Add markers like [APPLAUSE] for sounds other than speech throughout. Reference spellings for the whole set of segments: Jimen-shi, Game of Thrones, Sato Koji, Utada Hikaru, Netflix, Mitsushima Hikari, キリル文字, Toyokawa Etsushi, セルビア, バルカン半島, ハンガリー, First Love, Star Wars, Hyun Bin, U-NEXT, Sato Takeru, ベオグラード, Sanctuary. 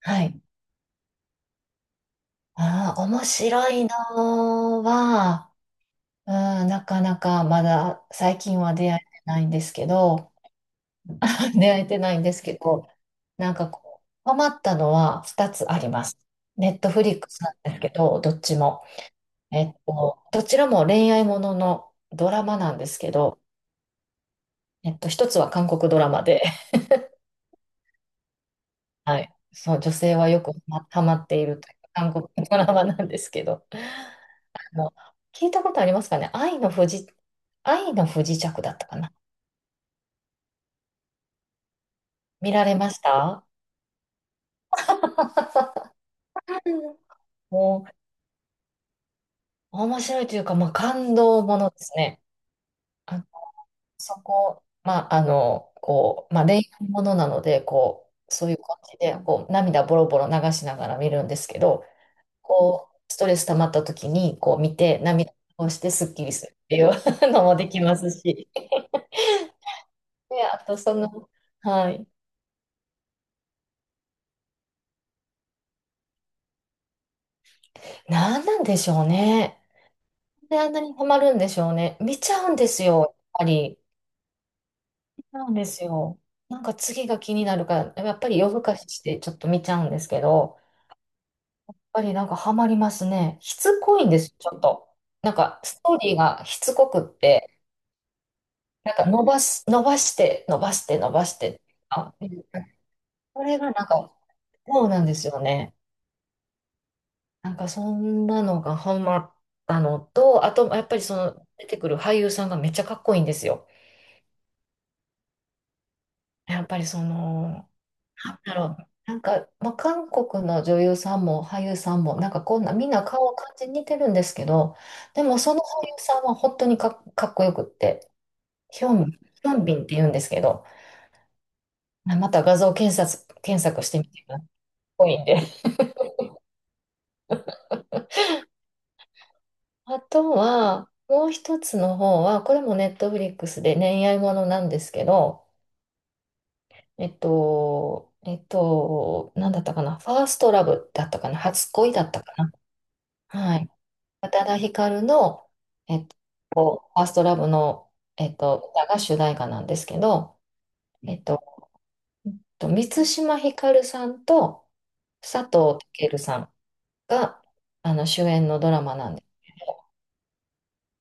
はい。ああ、面白いのは、うん、なかなかまだ最近は出会えてないんですけど、[LAUGHS] 出会えてないんですけど、なんかこう、ハマったのは2つあります。ネットフリックスなんですけど、どっちも。どちらも恋愛もののドラマなんですけど、一つは韓国ドラマで、[LAUGHS] はい。そう、女性はよくハマっているという韓国ドラマなんですけど。の聞いたことありますかね、愛の不時、愛の不時着だったかな。見られました？うんもう、面白いというか、まあ、感動ものですね。あ、そこ、まあ、恋愛ものなので、こう、そういう感じで、こう、涙ボロボロ流しながら見るんですけど、こう、ストレス溜まった時に、こう、見て、涙をしてスッキリするっていう [LAUGHS] のもできますし。で、あと、その、はい。何なんでしょうね。で、あんなにハマるんでしょうね。見ちゃうんですよ、やっぱり。見ちゃうんですよ。なんか次が気になるから、やっぱり夜更かししてちょっと見ちゃうんですけど、やっぱりなんかハマりますね。しつこいんですちょっと。なんかストーリーがしつこくって、なんか伸ばし、伸ばして、伸ばして、伸ばして。あ、こそれがなんか、そうなんですよね。なんかそんなのがハマったのと、あと、やっぱりその出てくる俳優さんがめっちゃかっこいいんですよ。やっぱりその、なんだろう。なんか、まあ、韓国の女優さんも俳優さんも、なんかこんな、みんな顔感じ似てるんですけど、でもその俳優さんは本当にか、かっこよくって、ヒョン、ヒョンビンって言うんですけど、あまた画像検索、検索してみてください。かっこいいんで。[LAUGHS] あとは、もう一つの方は、これもネットフリックスで恋愛ものなんですけど、えっと、なんだったかな、ファーストラブだったかな、初恋だったかな。はい。宇多田ヒカルの、えっファーストラブの、歌が主題歌なんですけど、えっと、えっと満島ひかるさんと佐藤健さんがあの主演のドラマなんで、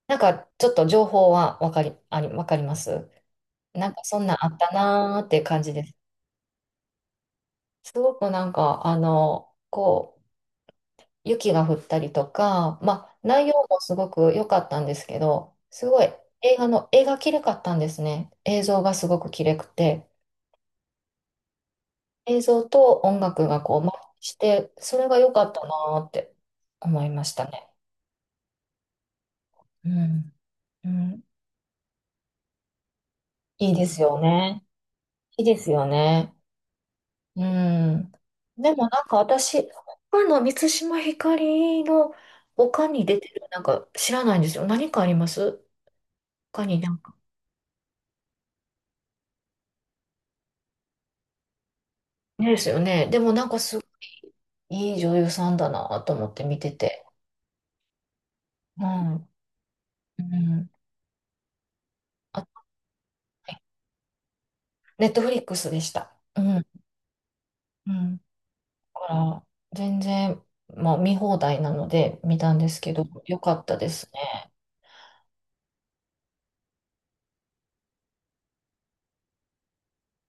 なんかちょっと情報はわかり、あり、わかります？なんかそんなんあったなーっていう感じです。すごくなんか、あの、こう、雪が降ったりとか、まあ、内容もすごく良かったんですけど、すごい映画の、映画きれかったんですね。映像がすごくきれくて、映像と音楽がこう、マッチして、それが良かったなーって思いましたね。うん。うん。いいですよね。いいですよね。うん。でもなんか私、他の満島ひかりの他に出てるなんか知らないんですよ。何かあります？他になんか。ねですよね。でもなんかすいい女優さんだなと思って見てて。うん。うん。あ、ネットフリックスでした。うん。うん。だから、全然、まあ、見放題なので見たんですけど、よかったですね。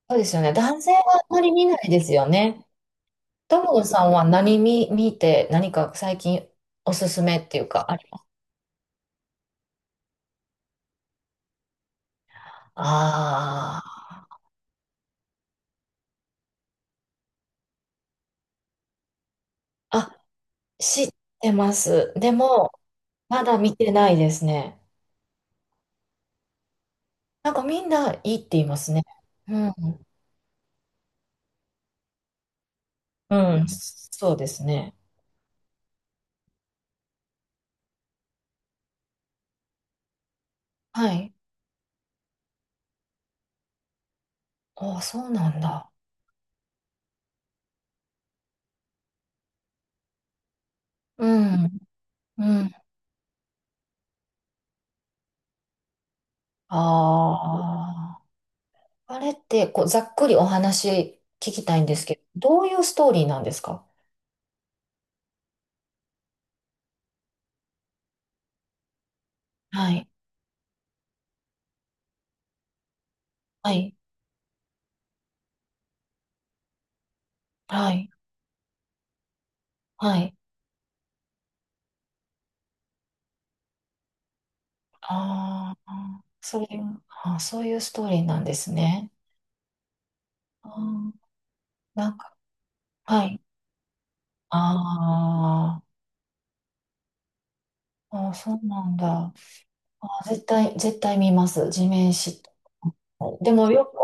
そうですよね。男性はあまり見ないですよね。友野さんは何見、見て、何か最近おすすめっていうか、あります？ああ。あ、知ってます。でも、まだ見てないですね。なんかみんないいって言いますね。うんうん、そうですね。はい。ああ、そうなんだ。うん、うん。ああ、あれって、こう、ざっくりお話聞きたいんですけど、どういうストーリーなんですか？はい、はい、はい、はい。ああ、そういう、ああ、そういうストーリーなんですね。ああ、なんか、はい。ああ、ああ、そうなんだ。ああ、絶対、絶対見ます。地面師。でもよく、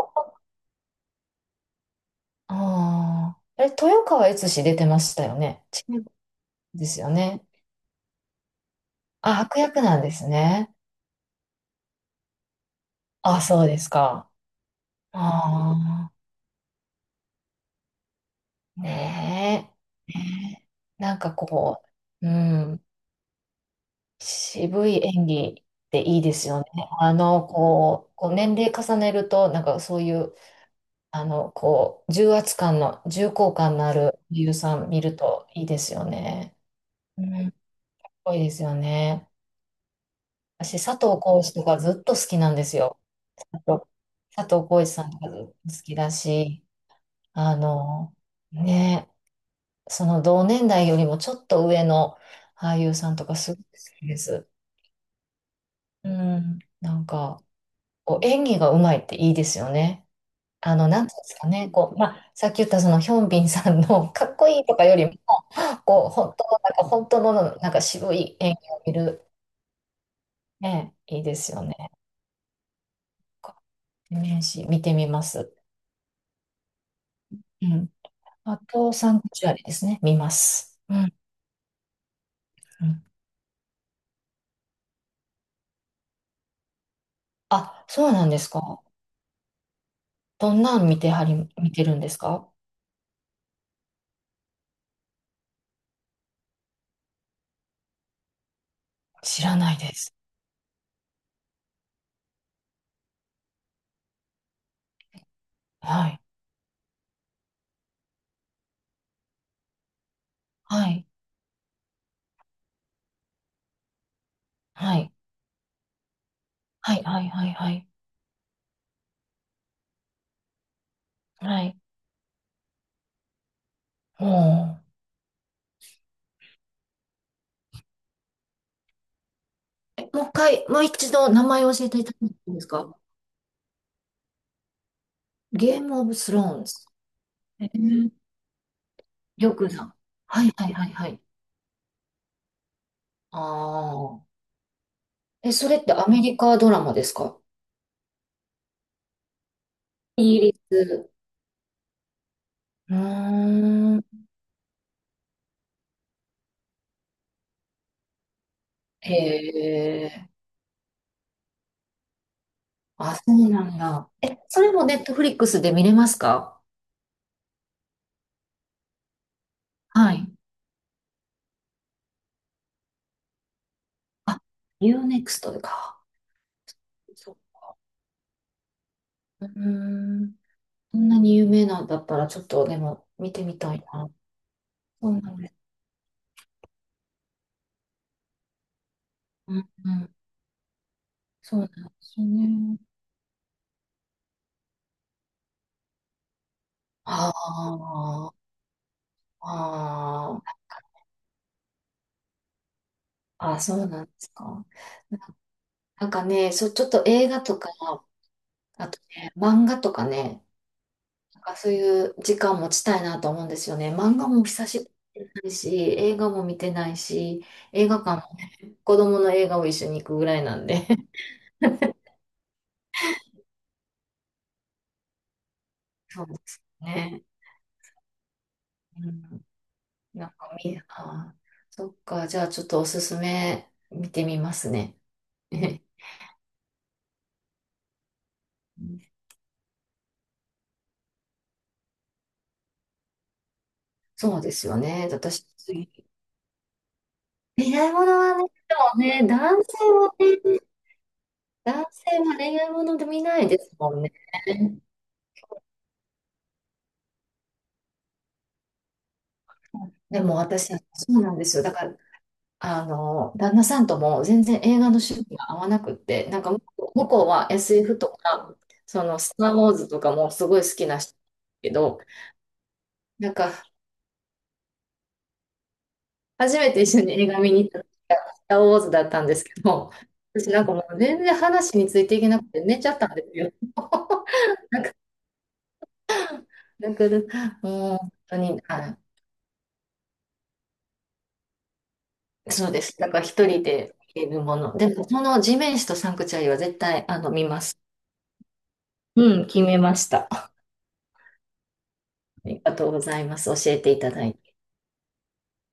ああ。え、豊川悦司出てましたよね。違うんですよね。あ、悪役なんですね。あ、そうですか。ああ。ねえ。ね、えなんかこう、うん、渋い演技っていいですよね。あの、こう、こう年齢重ねると、なんかそういう、あの、こう、重圧感の、重厚感のある俳優さん見るといいですよね。うん、すごいですよね。私、佐藤浩市とかずっと好きなんですよ。佐藤浩市さんとか好きだし、あの、ね、その同年代よりもちょっと上の俳優さんとかすごい好きです。うん、なんか、こう演技がうまいっていいですよね。あの、なんていうんですかね、こう、まあ、さっき言ったそのヒョンビンさんの [LAUGHS] かっこいいとかよりも、こう、本当の、なんか本当の、なんか渋い演技を見る、ね、いいですよね。こう年始見てみます。うん。あと、サンクチュアリですね、見ます。うん。うん、あ、そうなんですか。どんなん見てはり、見てるんですか？知らないです。はい。はい。はい。はい。はい。はい。はい。はい。もう。え、もう一回、もう一度名前を教えていただけてんですか？ゲームオブスローンズ。えー、りょくさん。はい。はい。はい。はい。ああ。え、それってアメリカドラマですか？イギリス。うーん。へえ。あ、そうなんだ。え、それもネットフリックスで見れますか？はい。あ、UNEXT か。そううーん。そんなに有名なんだったら、ちょっとでも見てみたいな。そうなんです。うん、うん。そうなんですよね。ああ、ああ、あ、そうなんですか。な、なんかね、そう、ちょっと映画とか、あとね、漫画とかね、なんかそういう時間持ちたいなと思うんですよね。漫画も久しぶりに見てないし、映画も見てないし、映画館も子供の映画を一緒に行くぐらいなんで。[LAUGHS] そうですね。うん、なんかみ、あー、そっか、じゃあちょっとおすすめ見てみますね。[LAUGHS] そうですよね。私、次恋愛ものはね、でもね、男性はね、男性は恋愛もので見ないですもんね。でも私、そうなんですよ。だから、あの、旦那さんとも全然映画の趣味が合わなくって、なんか向こうは SF とか、その、スター・ウォーズとかもすごい好きな人だけど、なんか、初めて一緒に映画見に行った時がスター・ウォーズだったんですけど、私なんかもう全然話についていけなくて寝ちゃったんですよ。[LAUGHS] だから、もう本当に、あ、そうです。だから一人で見るもの。でも、この地面師とサンクチュアリは絶対、あの、見ます。うん、決めました。ありがとうございます。教えていただいて。